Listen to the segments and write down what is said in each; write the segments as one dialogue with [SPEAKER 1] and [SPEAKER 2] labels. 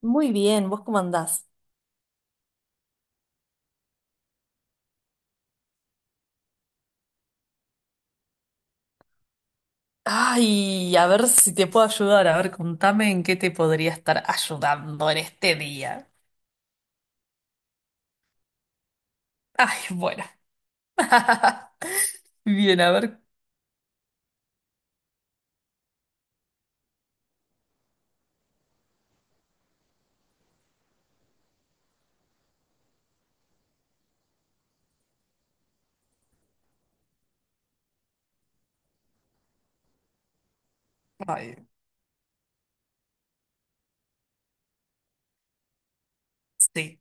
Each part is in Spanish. [SPEAKER 1] Muy bien, ¿vos cómo andás? Ay, a ver si te puedo ayudar. A ver, contame en qué te podría estar ayudando en este día. Ay, bueno. Bien, a ver. Ay, sí.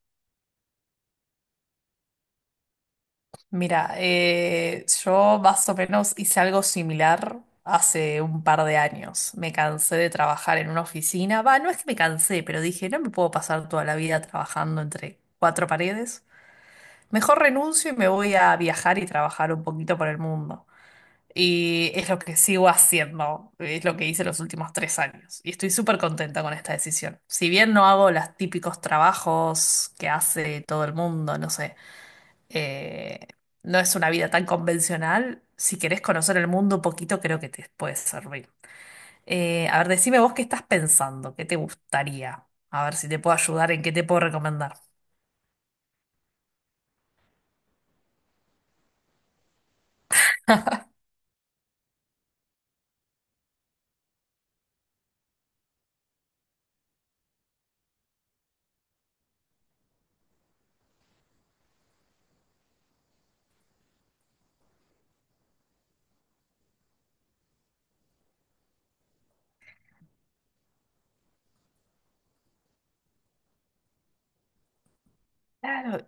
[SPEAKER 1] Mira, yo más o menos hice algo similar hace un par de años. Me cansé de trabajar en una oficina. Va, no es que me cansé, pero dije, no me puedo pasar toda la vida trabajando entre cuatro paredes. Mejor renuncio y me voy a viajar y trabajar un poquito por el mundo. Y es lo que sigo haciendo, es lo que hice los últimos tres años. Y estoy súper contenta con esta decisión. Si bien no hago los típicos trabajos que hace todo el mundo, no sé, eh, no es una vida tan convencional, si querés conocer el mundo un poquito, creo que te puede servir. A ver, decime vos qué estás pensando, qué te gustaría. A ver si te puedo ayudar, en qué te puedo recomendar. Claro.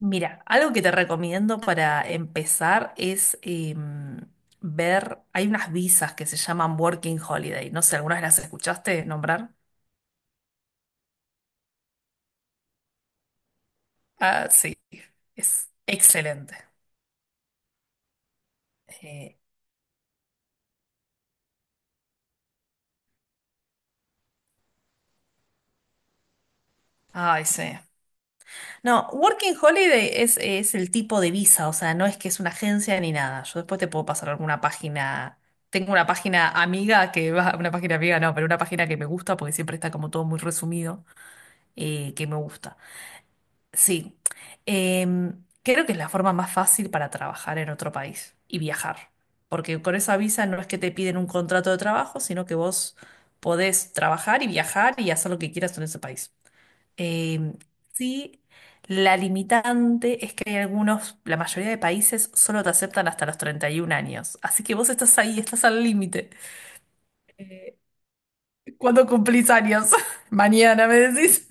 [SPEAKER 1] Mira, algo que te recomiendo para empezar es ver, hay unas visas que se llaman Working Holiday. No sé, ¿alguna vez las escuchaste nombrar? Ah, sí, es excelente. Eh, ay, sí. No, Working Holiday es el tipo de visa, o sea, no es que es una agencia ni nada. Yo después te puedo pasar alguna página. Tengo una página amiga que va, una página amiga no, pero una página que me gusta porque siempre está como todo muy resumido, que me gusta. Sí. Creo que es la forma más fácil para trabajar en otro país y viajar, porque con esa visa no es que te piden un contrato de trabajo, sino que vos podés trabajar y viajar y hacer lo que quieras en ese país. Em, sí, la limitante es que hay algunos, la mayoría de países solo te aceptan hasta los 31 años, así que vos estás ahí, estás al límite. ¿Cuándo cumplís años? Mañana, me decís.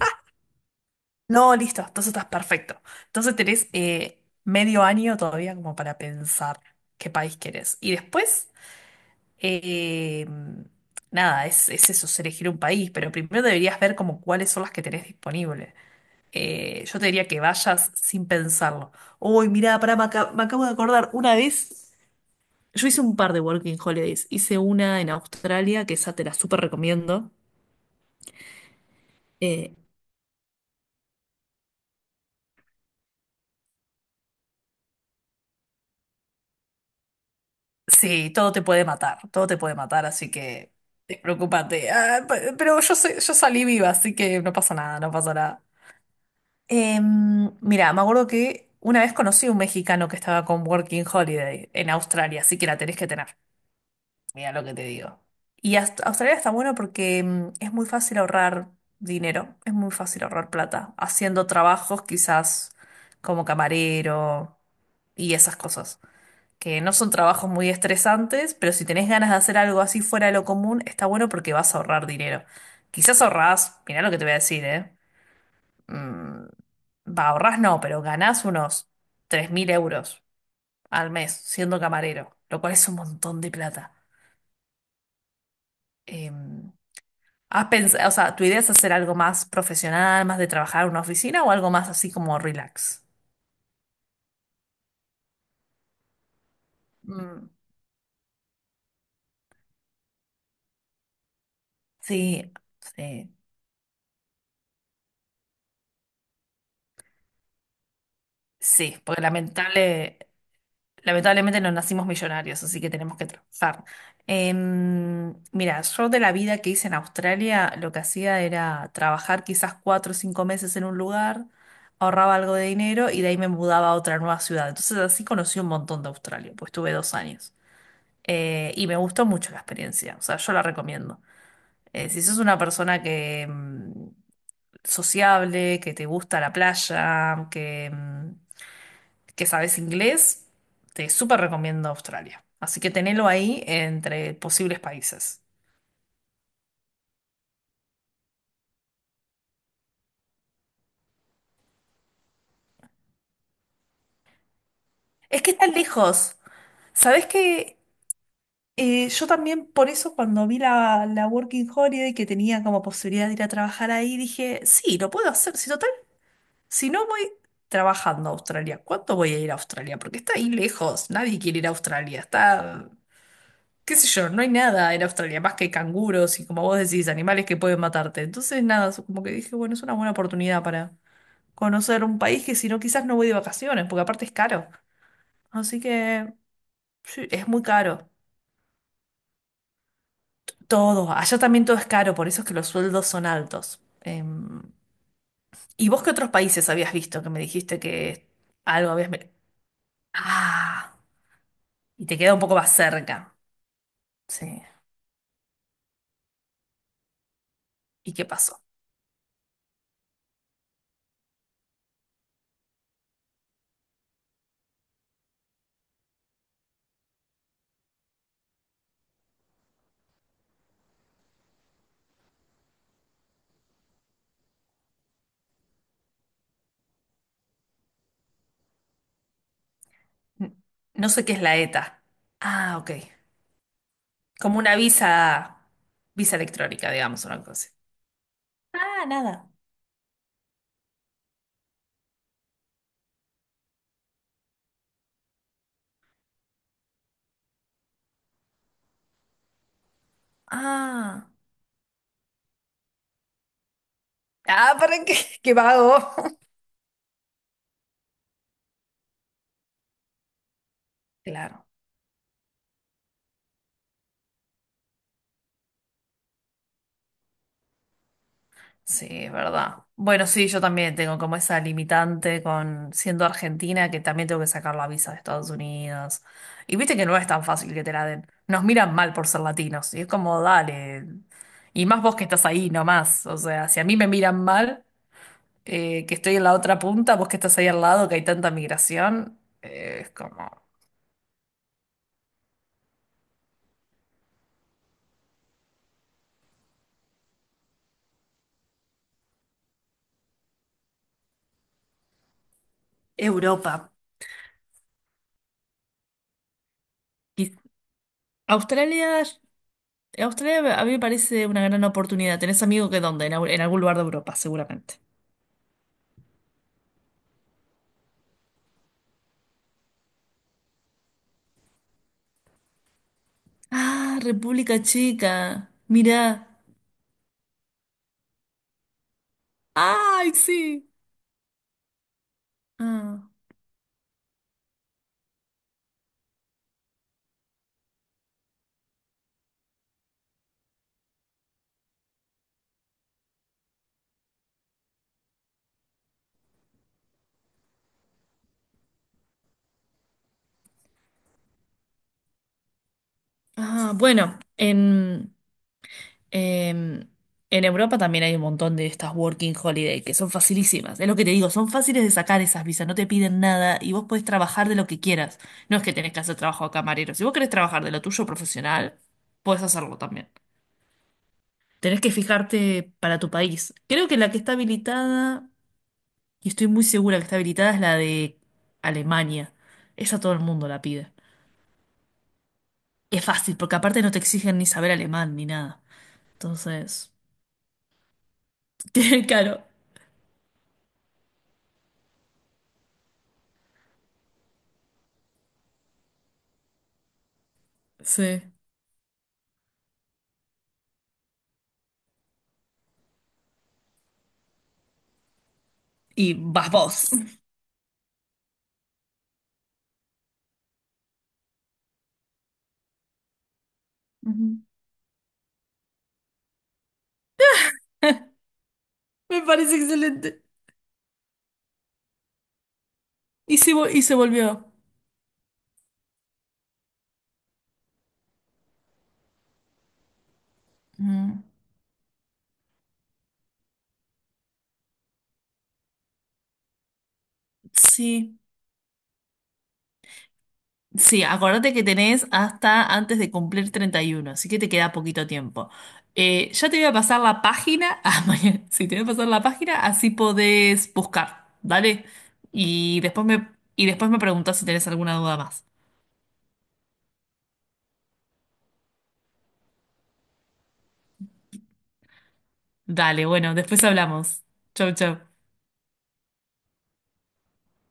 [SPEAKER 1] No, listo, entonces estás perfecto. Entonces tenés medio año todavía como para pensar qué país querés. Y después, eh, nada, es eso, es elegir un país, pero primero deberías ver como cuáles son las que tenés disponibles. Yo te diría que vayas sin pensarlo. Uy, mirá, pará, me, me acabo de acordar, una vez yo hice un par de Working Holidays, hice una en Australia, que esa te la súper recomiendo. Eh, Sí, todo te puede matar, todo te puede matar, así que preocúpate. Ah, pero yo, yo salí viva, así que no pasa nada, no pasa nada. Mira, me acuerdo que una vez conocí a un mexicano que estaba con Working Holiday en Australia, así que la tenés que tener, mira lo que te digo. Y Australia está bueno porque es muy fácil ahorrar dinero, es muy fácil ahorrar plata, haciendo trabajos quizás como camarero y esas cosas que no son trabajos muy estresantes, pero si tenés ganas de hacer algo así fuera de lo común, está bueno porque vas a ahorrar dinero. Quizás ahorrás, mirá lo que te voy a decir, ¿eh? Mm, va, ahorrás no, pero ganás unos 3000 euros al mes siendo camarero, lo cual es un montón de plata. Eh, ¿Has pensado, o sea, tu idea es hacer algo más profesional, más de trabajar en una oficina o algo más así como relax? Mm, sí, sí, sí, porque lamentablemente no nacimos millonarios, así que tenemos que trabajar. Mira, yo de la vida que hice en Australia, lo que hacía era trabajar quizás cuatro o cinco meses en un lugar, ahorraba algo de dinero y de ahí me mudaba a otra nueva ciudad. Entonces así conocí un montón de Australia, pues tuve dos años. Y me gustó mucho la experiencia, o sea, yo la recomiendo. Si sos una persona que sociable, que te gusta la playa, que... que sabes inglés, te súper recomiendo Australia. Así que tenelo ahí entre posibles países. Es que está lejos. ¿Sabés que yo también por eso cuando vi la Working Holiday que tenía como posibilidad de ir a trabajar ahí, dije, sí, lo puedo hacer. Si total, si no voy trabajando a Australia, ¿cuánto voy a ir a Australia? Porque está ahí lejos. Nadie quiere ir a Australia. Está qué sé yo, no hay nada en Australia más que canguros y como vos decís, animales que pueden matarte. Entonces, nada, como que dije, bueno, es una buena oportunidad para conocer un país que si no, quizás no voy de vacaciones, porque aparte es caro. Así que sí, es muy caro. Todo, allá también todo es caro, por eso es que los sueldos son altos. ¿Y vos qué otros países habías visto que me dijiste que algo habías... Ah, y te queda un poco más cerca. Sí. ¿Y qué pasó? N- No sé qué es la ETA. Ah, ok. Como una visa, visa electrónica, digamos, una cosa. Así. Ah, nada. Ah, ah, ¿para qué? ¿Qué vago? Claro, sí, es verdad. Bueno, sí, yo también tengo como esa limitante con siendo argentina que también tengo que sacar la visa de Estados Unidos. Y viste que no es tan fácil que te la den. Nos miran mal por ser latinos. Y es como, dale. Y más vos que estás ahí nomás. O sea, si a mí me miran mal, que estoy en la otra punta, vos que estás ahí al lado, que hay tanta migración, es como. Europa. Y Australia, Australia a mí me parece una gran oportunidad. ¿Tenés amigo que dónde? En, en algún lugar de Europa, seguramente. Ah, República Checa. Mirá. ¡Ay, sí! Ah, ah, bueno, en, en Europa también hay un montón de estas working holiday que son facilísimas. Es lo que te digo, son fáciles de sacar esas visas, no te piden nada y vos podés trabajar de lo que quieras. No es que tenés que hacer trabajo de camarero. Si vos querés trabajar de lo tuyo profesional, podés hacerlo también. Tenés que fijarte para tu país. Creo que la que está habilitada, y estoy muy segura que está habilitada, es la de Alemania. Esa todo el mundo la pide. Es fácil, porque aparte no te exigen ni saber alemán ni nada. Entonces, claro, sí. Y vas vos. Ujú. Me parece excelente. Y se, y se volvió. Mm, sí. Sí, acuérdate que tenés hasta antes de cumplir 31, así que te queda poquito tiempo. Ya te voy a pasar la página, ah, mañana, sí, te voy a pasar la página, así podés buscar, vale. Y después me, y después me preguntás si tenés alguna duda más. Dale, bueno, después hablamos. Chau, chau.